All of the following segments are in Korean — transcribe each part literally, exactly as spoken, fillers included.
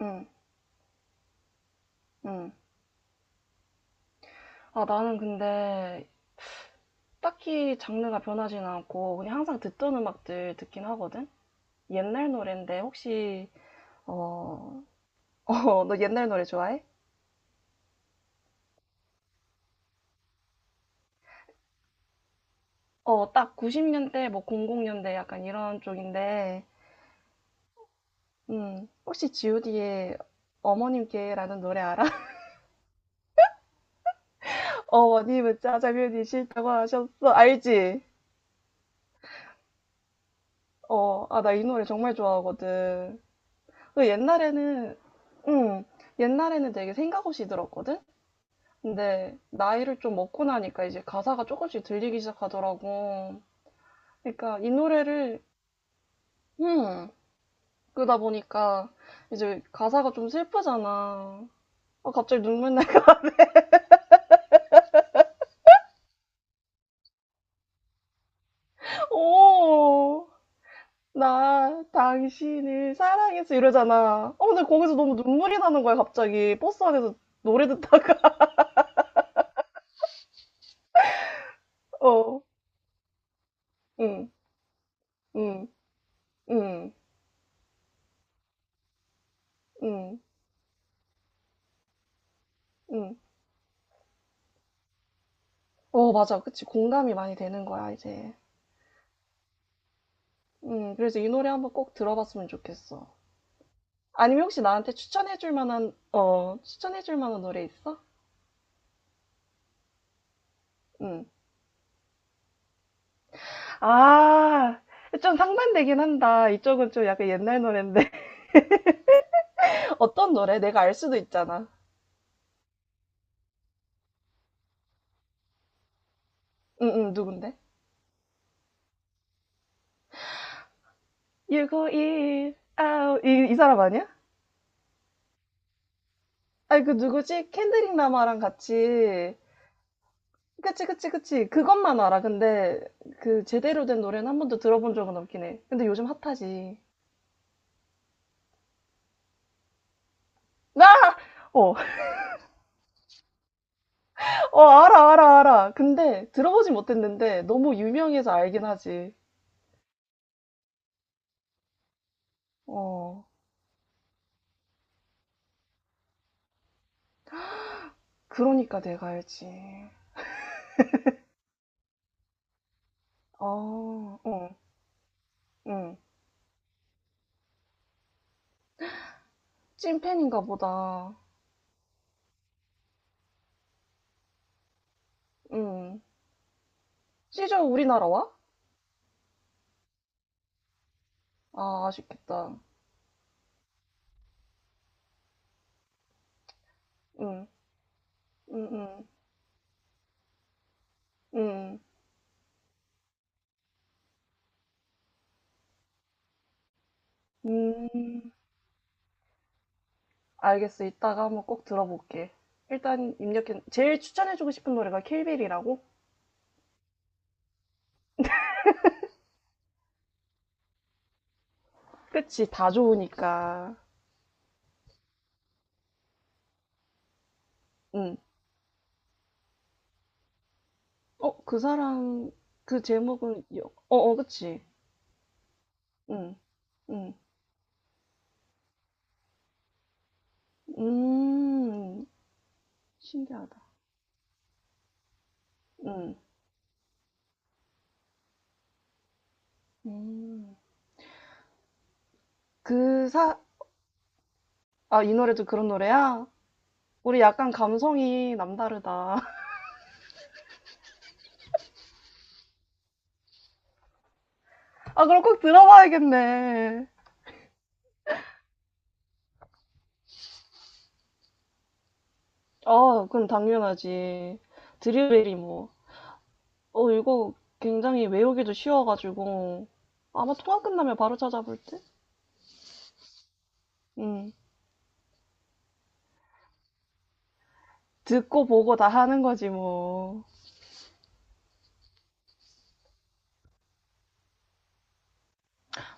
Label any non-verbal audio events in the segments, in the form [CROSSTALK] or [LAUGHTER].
응, 응. 아, 나는 근데 딱히 장르가 변하진 않고 그냥 항상 듣던 음악들 듣긴 하거든? 옛날 노랜데 혹시, 어, [LAUGHS] 어, 너 옛날 노래 좋아해? 어, 딱 구십 년대, 뭐 이천 년대 약간 이런 쪽인데, 음, 혹시 지우디의 어머님께라는 노래 알아? [LAUGHS] 어머님은 짜장면이 싫다고 하셨어. 알지? 어, 아, 나 이 노래 정말 좋아하거든. 그 옛날에는, 음 옛날에는 되게 생각 없이 들었거든? 근데 나이를 좀 먹고 나니까 이제 가사가 조금씩 들리기 시작하더라고. 그러니까 이 노래를 음 그러다 보니까 이제 가사가 좀 슬프잖아. 아, 갑자기 눈물 나. [LAUGHS] 오, 나 당신을 사랑했어 이러잖아. 어, 근데 거기서 너무 눈물이 나는 거야 갑자기 버스 안에서 노래 듣다가. [LAUGHS] 어, 응, 응, 응, 응, 응. 어, 맞아, 그치. 공감이 많이 되는 거야 이제. 음, 그래서 이 노래 한번 꼭 들어봤으면 좋겠어. 아니면 혹시 나한테 추천해줄 만한, 어, 추천해줄 만한 노래 있어? 응. 아, 좀 상반되긴 한다. 이쪽은 좀 약간 옛날 노래인데. [LAUGHS] 어떤 노래? 내가 알 수도 있잖아. 응, 응, 누군데? 육오일, 아우, 이, 이 사람 아니야? 아니, 그 누구지? 켄드릭 라마랑 같이. 그치, 그치, 그치. 그것만 알아. 근데 그 제대로 된 노래는 한 번도 들어본 적은 없긴 해. 근데 요즘 핫하지. 나? 어, [LAUGHS] 어, 알아, 알아, 알아. 근데 들어보진 못했는데 너무 유명해서 알긴 하지. 어, 그러니까 내가 알지. 아, 응, 응. 찐팬인가 보다. 응. 시저 우리나라 와? 아, 아쉽겠다. 응, 응, 응, 응. 음, 알겠어. 이따가 한번 꼭 들어볼게. 일단 입력해. 제일 추천해주고 싶은 노래가 킬빌이라고? 그치, 다 좋으니까. 응. 어, 그 사람, 그 제목은, 여- 어, 어, 그치. 응, 응. 음, 신기하다. 응, 음. 그 사, 아, 이 노래도 그런 노래야? 우리 약간 감성이 남다르다. [LAUGHS] 아, 그럼 꼭 들어봐야겠네. 아, 그럼 당연하지. 드릴베리 뭐. 어, 이거 굉장히 외우기도 쉬워가지고. 아마 통화 끝나면 바로 찾아볼 듯? 응. 듣고 보고 다 하는 거지, 뭐.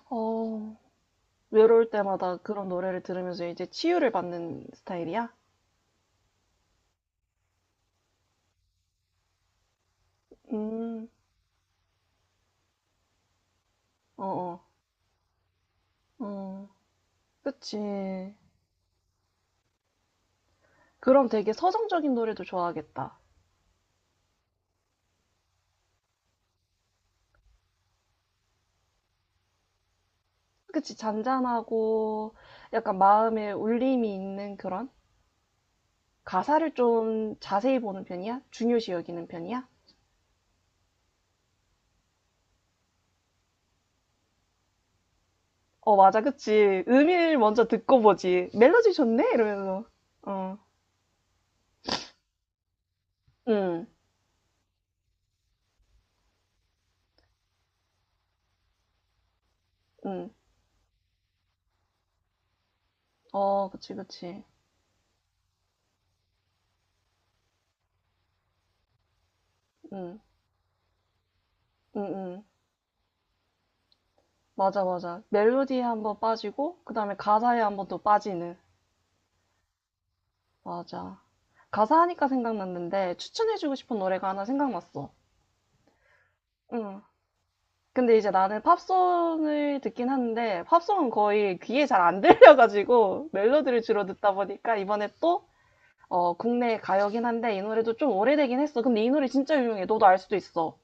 어, 외로울 때마다 그런 노래를 들으면서 이제 치유를 받는 스타일이야? 음, 어어, 어, 어. 응. 그치. 그럼 되게 서정적인 노래도 좋아하겠다. 그치, 잔잔하고 약간 마음에 울림이 있는 그런? 가사를 좀 자세히 보는 편이야? 중요시 여기는 편이야? 어, 맞아, 그치. 음일 먼저 듣고 보지. 멜로디 좋네? 이러면서. 어, 응, 응. 어, 그치, 그치. 응, 응, 응. 맞아, 맞아. 멜로디에 한번 빠지고, 그 다음에 가사에 한번 또 빠지는. 맞아. 가사 하니까 생각났는데, 추천해주고 싶은 노래가 하나 생각났어. 응. 근데 이제 나는 팝송을 듣긴 하는데 팝송은 거의 귀에 잘 안 들려가지고 멜로디를 주로 듣다 보니까 이번에 또 어, 국내 가요긴 한데 이 노래도 좀 오래되긴 했어. 근데 이 노래 진짜 유명해. 너도 알 수도 있어.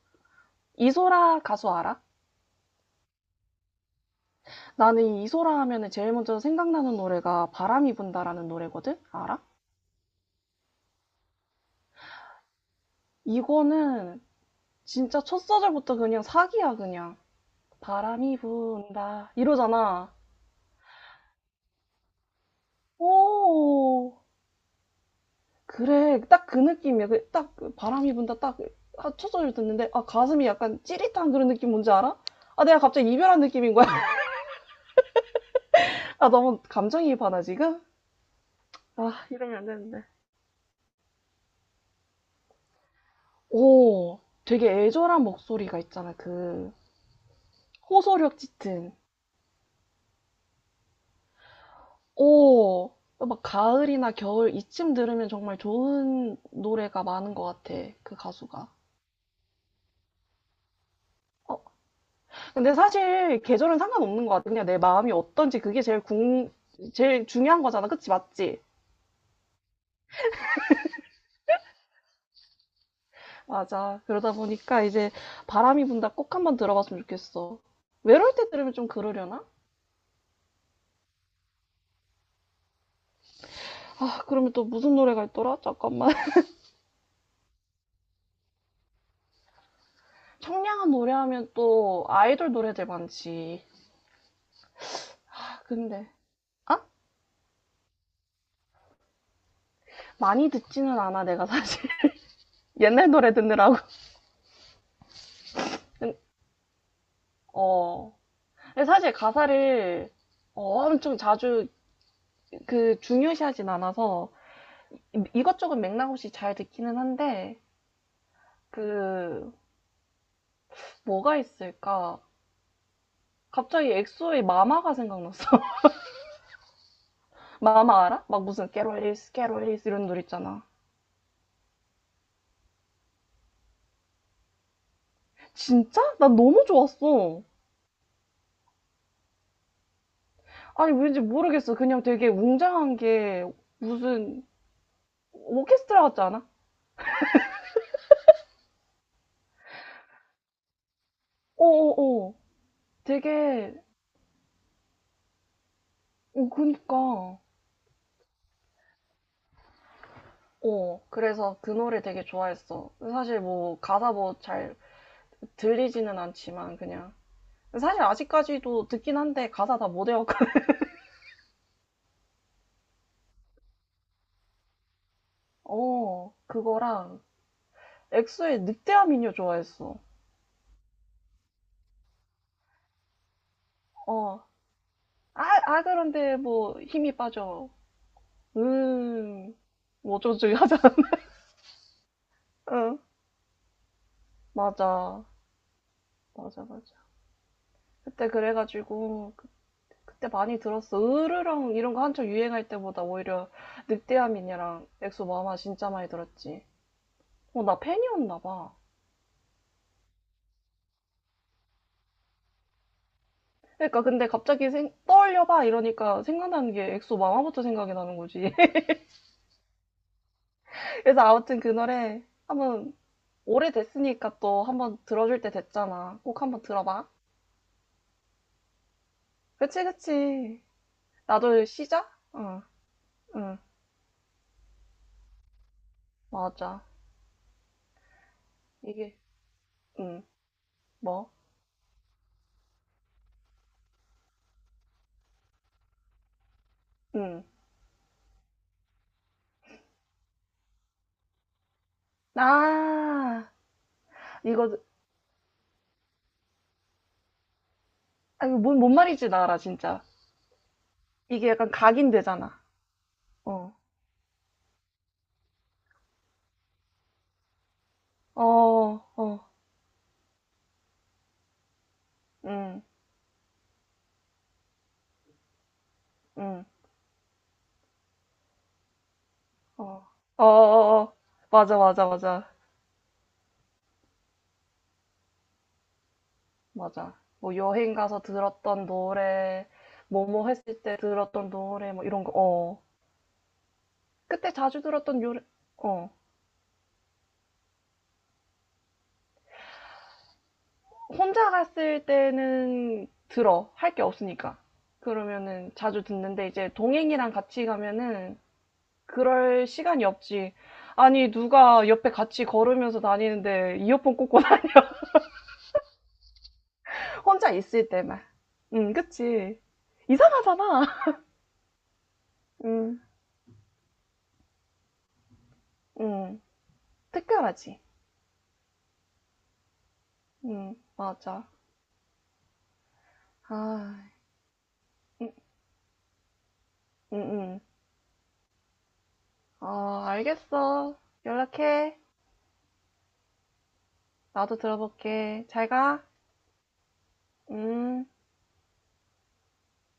이소라 가수 알아? 나는 이 이소라 하면은 제일 먼저 생각나는 노래가 바람이 분다라는 노래거든? 알아? 이거는 진짜 첫 소절부터 그냥 사기야, 그냥. 바람이 분다. 이러잖아. 오, 그래, 딱 그 느낌이야. 그, 딱 그 바람이 분다, 딱 그- 아, 첫소를 듣는데, 아, 가슴이 약간 찌릿한 그런 느낌 뭔지 알아? 아, 내가 갑자기 이별한 느낌인 거야. [LAUGHS] 아, 너무 감정이입하나, 지금? 아, 이러면 안 되는데. 오, 되게 애절한 목소리가 있잖아, 그, 호소력 짙은. 오, 막 가을이나 겨울 이쯤 들으면 정말 좋은 노래가 많은 것 같아, 그 가수가. 어, 근데 사실 계절은 상관없는 것 같아. 그냥 내 마음이 어떤지 그게 제일 궁, 제일 중요한 거잖아. 그치, 맞지? 맞아. 그러다 보니까 이제 바람이 분다 꼭 한번 들어봤으면 좋겠어. 외로울 때 들으면 좀 그러려나? 아, 그러면 또 무슨 노래가 있더라? 잠깐만. [LAUGHS] 청량한 노래 하면 또 아이돌 노래들 많지. 아, 근데, 아? 많이 듣지는 않아, 내가 사실. [LAUGHS] 옛날 노래 듣느라고. 근- 어. 근데 사실 가사를 어, 엄청 자주 그 중요시하진 않아서 이것저것 맥락 없이 잘 듣기는 한데, 그, 뭐가 있을까? 갑자기 엑소의 마마가 생각났어. [LAUGHS] 마마 알아? 막 무슨 캐롤리스, 캐롤리스 이런 노래 있잖아. 진짜? 난 너무 좋았어. 아니, 왠지 모르겠어. 그냥 되게 웅장한 게 무슨 오케스트라 같지 않아? 어어어. 되게, 어, 그니까. 어, 그래서 그 노래 되게 좋아했어. 사실 뭐 가사 뭐 잘 들리지는 않지만 그냥. 사실 아직까지도 듣긴 한데 가사 다 못 외웠거든. [LAUGHS] 어, 그거랑 엑소의 늑대와 미녀 좋아했어. 어, 아, 아, 그런데 뭐 힘이 빠져. 음, 뭐 어쩌지 하자. [LAUGHS] 응, 맞아. 맞아, 맞아. 그때 그래가지고, 그- 그때 많이 들었어. 으르렁 이런 거 한창 유행할 때보다 오히려 늑대와 미녀랑 엑소 마마 진짜 많이 들었지. 어, 나 팬이었나 봐. 그러니까 근데 갑자기 생- 떠올려봐 이러니까 생각나는 게 엑소 마마부터 생각이 나는 거지. [LAUGHS] 그래서 아무튼 그 노래 한번 오래됐으니까 또 한번 들어줄 때 됐잖아. 꼭 한번 들어봐. 그치, 그치. 나도 시작? 응, 응, 맞아. 이게, 응, 뭐, 응. 아, 이거, 아, 이거 뭔, 뭔 말인지 나 알아, 진짜. 이게 약간 각인되잖아. 어, 어, 어, 응, 응, 어, 어, 어, 어. 어. 맞아, 맞아, 맞아, 맞아. 뭐 여행 가서 들었던 노래, 뭐뭐 했을 때 들었던 노래, 뭐 이런 거, 어. 그때 자주 들었던 노래, 어. 혼자 갔을 때는 들어. 할 게 없으니까. 그러면은 자주 듣는데 이제 동행이랑 같이 가면은 그럴 시간이 없지. 아니, 누가 옆에 같이 걸으면서 다니는데 이어폰 꽂고 다니, [LAUGHS] 혼자 있을 때만. 응, 그치. 이상하잖아. [LAUGHS] 응, 응. 특별하지. 응, 맞아. 아, 응, 응, 응. 아 알겠어. 연락해. 나도 들어볼게. 잘 가. 음.